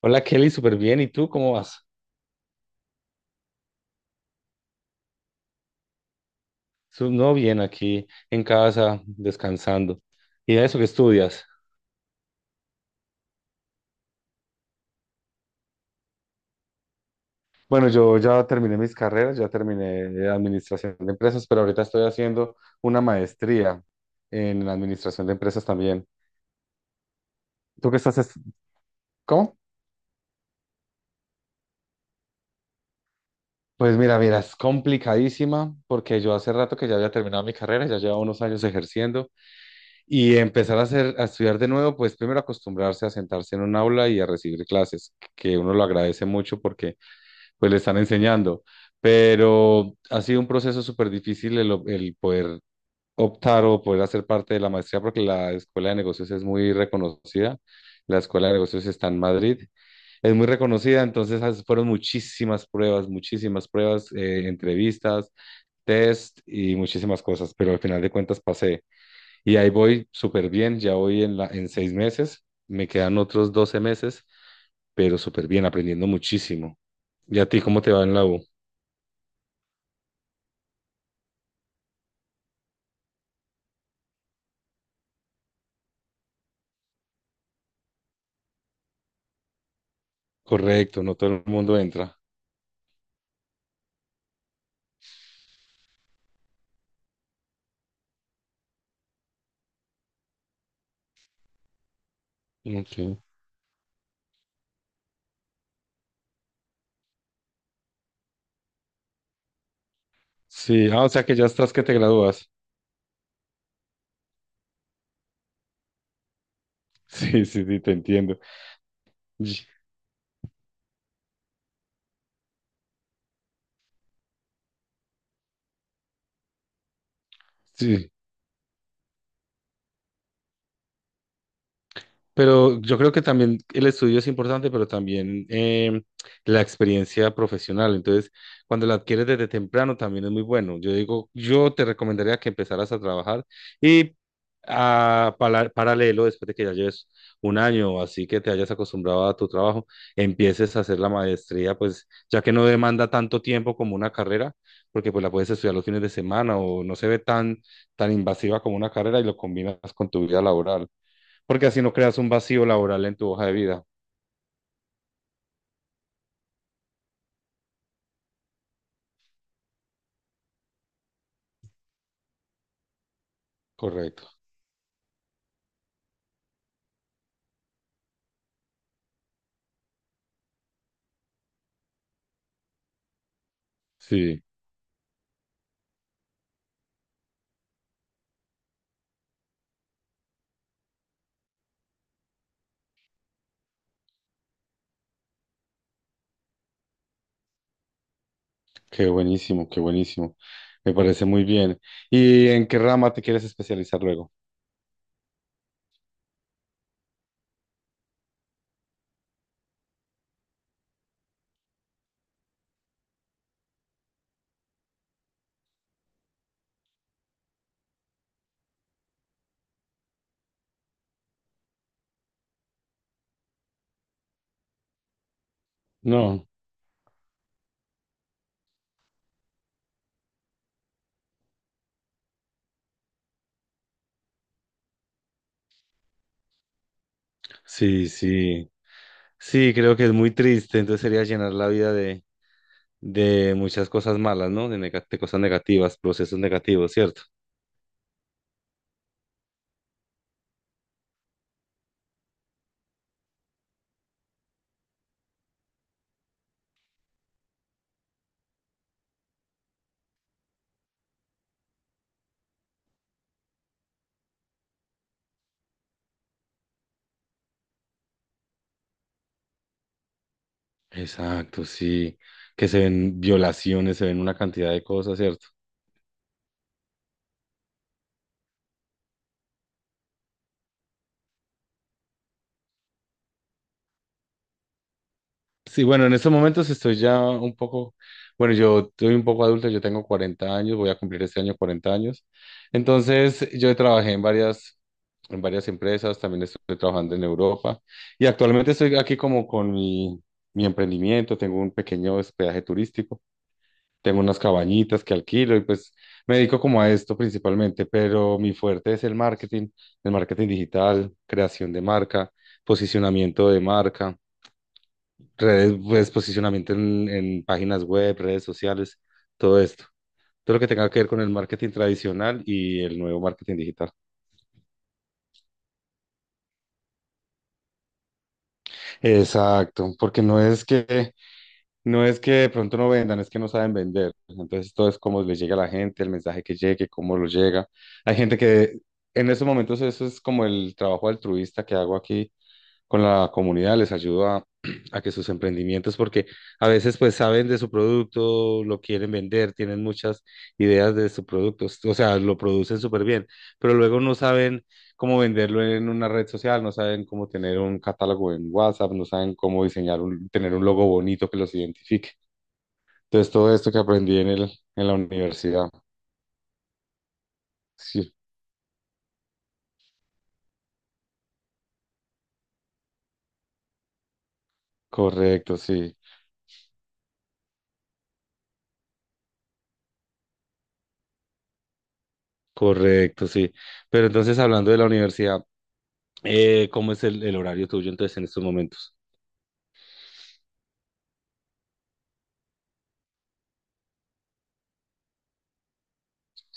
Hola Kelly, súper bien. ¿Y tú cómo vas? No, bien, aquí en casa, descansando. ¿Y eso qué estudias? Bueno, yo ya terminé mis carreras, ya terminé de administración de empresas, pero ahorita estoy haciendo una maestría en administración de empresas también. ¿Tú qué estás? ¿Cómo? Pues mira, mira, es complicadísima porque yo hace rato que ya había terminado mi carrera, ya llevaba unos años ejerciendo y empezar a hacer, a estudiar de nuevo, pues primero acostumbrarse a sentarse en un aula y a recibir clases, que uno lo agradece mucho pues le están enseñando. Pero ha sido un proceso súper difícil el, el poder optar o poder hacer parte de la maestría porque la escuela de negocios es muy reconocida. La escuela de negocios está en Madrid. Es muy reconocida, entonces fueron muchísimas pruebas, entrevistas, test y muchísimas cosas, pero al final de cuentas pasé. Y ahí voy súper bien, ya voy en 6 meses, me quedan otros 12 meses, pero súper bien, aprendiendo muchísimo. ¿Y a ti cómo te va en la U? Correcto, no todo el mundo entra. Ok. Sí, ah, o sea que ya estás que te gradúas. Sí, sí, sí, te entiendo. Y- Sí, pero yo creo que también el estudio es importante, pero también la experiencia profesional. Entonces, cuando la adquieres desde temprano también es muy bueno. Yo digo, yo te recomendaría que empezaras a trabajar y paralelo, después de que ya lleves un año o así que te hayas acostumbrado a tu trabajo, empieces a hacer la maestría, pues ya que no demanda tanto tiempo como una carrera, porque pues la puedes estudiar los fines de semana o no se ve tan, tan invasiva como una carrera y lo combinas con tu vida laboral porque así no creas un vacío laboral en tu hoja de vida. Correcto. Sí, qué buenísimo, qué buenísimo. Me parece muy bien. ¿Y en qué rama te quieres especializar luego? No, sí, sí, sí, creo que es muy triste, entonces sería llenar la vida de muchas cosas malas, ¿no? De, de cosas negativas, procesos negativos, ¿cierto? Exacto, sí. Que se ven violaciones, se ven una cantidad de cosas, ¿cierto? Sí, bueno, en estos momentos estoy ya un poco, bueno, yo soy un poco adulto, yo tengo 40 años, voy a cumplir este año 40 años. Entonces, yo trabajé en varias empresas, también estoy trabajando en Europa y actualmente estoy aquí como con mi, mi emprendimiento, tengo un pequeño hospedaje turístico, tengo unas cabañitas que alquilo y pues me dedico como a esto principalmente, pero mi fuerte es el marketing digital, creación de marca, posicionamiento de marca redes, pues, posicionamiento en páginas web, redes sociales, todo esto. Todo lo que tenga que ver con el marketing tradicional y el nuevo marketing digital. Exacto, porque no es que, no es que de pronto no vendan, es que no saben vender. Entonces todo es cómo les llega a la gente, el mensaje que llegue, cómo lo llega. Hay gente que en estos momentos eso es como el trabajo altruista que hago aquí con la comunidad, les ayudo a que sus emprendimientos, porque a veces pues saben de su producto, lo quieren vender, tienen muchas ideas de su producto, o sea, lo producen súper bien, pero luego no saben cómo venderlo en una red social, no saben cómo tener un catálogo en WhatsApp, no saben cómo diseñar un, tener un logo bonito que los identifique. Entonces, todo esto que aprendí en el, en la universidad. Sí, correcto, sí, correcto, sí. Pero entonces, hablando de la universidad, eh, ¿cómo es el horario tuyo entonces en estos momentos?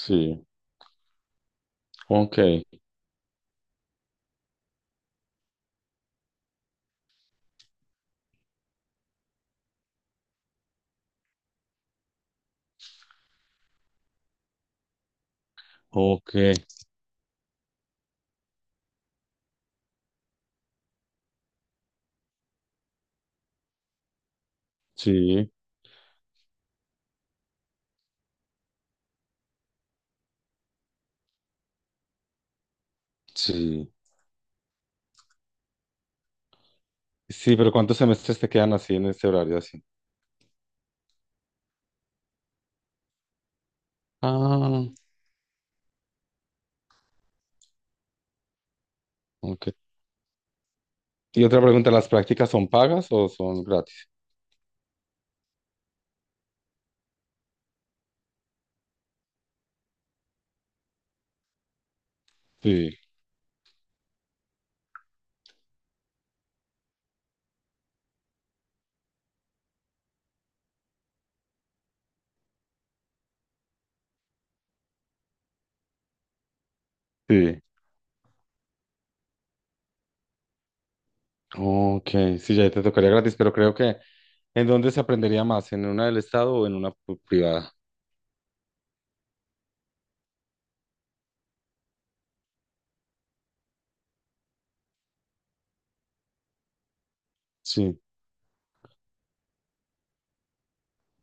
Sí, ok, ok, sí, sí. Sí, pero ¿cuántos semestres te quedan así en este horario así? Ah, ok. Y otra pregunta, ¿las prácticas son pagas o son gratis? Sí, sí. Ok, sí, ya te tocaría gratis, pero creo que ¿en dónde se aprendería más? ¿En una del Estado o en una privada? Sí,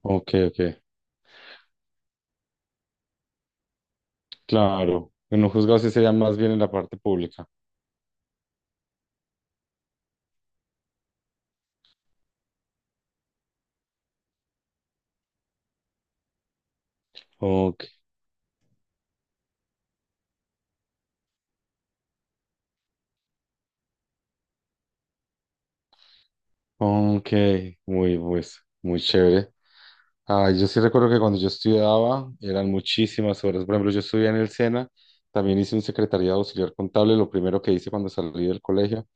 ok, ok. Claro, en un juzgado sí sería más bien en la parte pública. Ok, ok, muy, pues, muy chévere. Ah, yo sí recuerdo que cuando yo estudiaba eran muchísimas horas. Por ejemplo, yo estudié en el SENA, también hice un secretariado auxiliar contable, lo primero que hice cuando salí del colegio.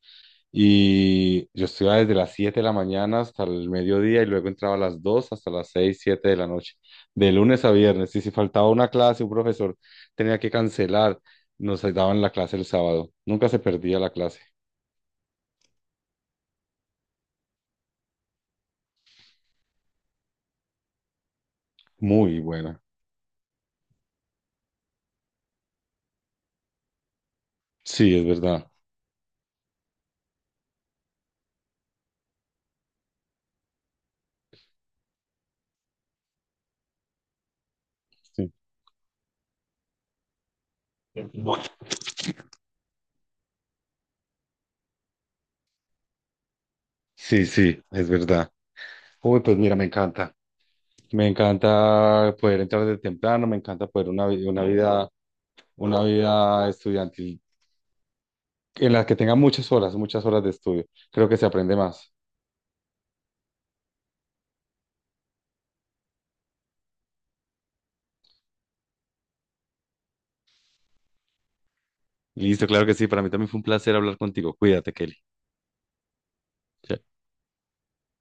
Y yo estudiaba desde las 7 de la mañana hasta el mediodía y luego entraba a las 2 hasta las 6 7 de la noche, de lunes a viernes. Y si faltaba una clase, un profesor tenía que cancelar, nos daban la clase el sábado. Nunca se perdía la clase. Muy buena. Sí, es verdad. Sí, sí, sí, es verdad. Uy, pues mira, me encanta. Me encanta poder entrar de temprano, me encanta poder una vida, una vida estudiantil en la que tenga muchas horas de estudio. Creo que se aprende más. Listo, claro que sí. Para mí también fue un placer hablar contigo. Cuídate, Kelly. Chao.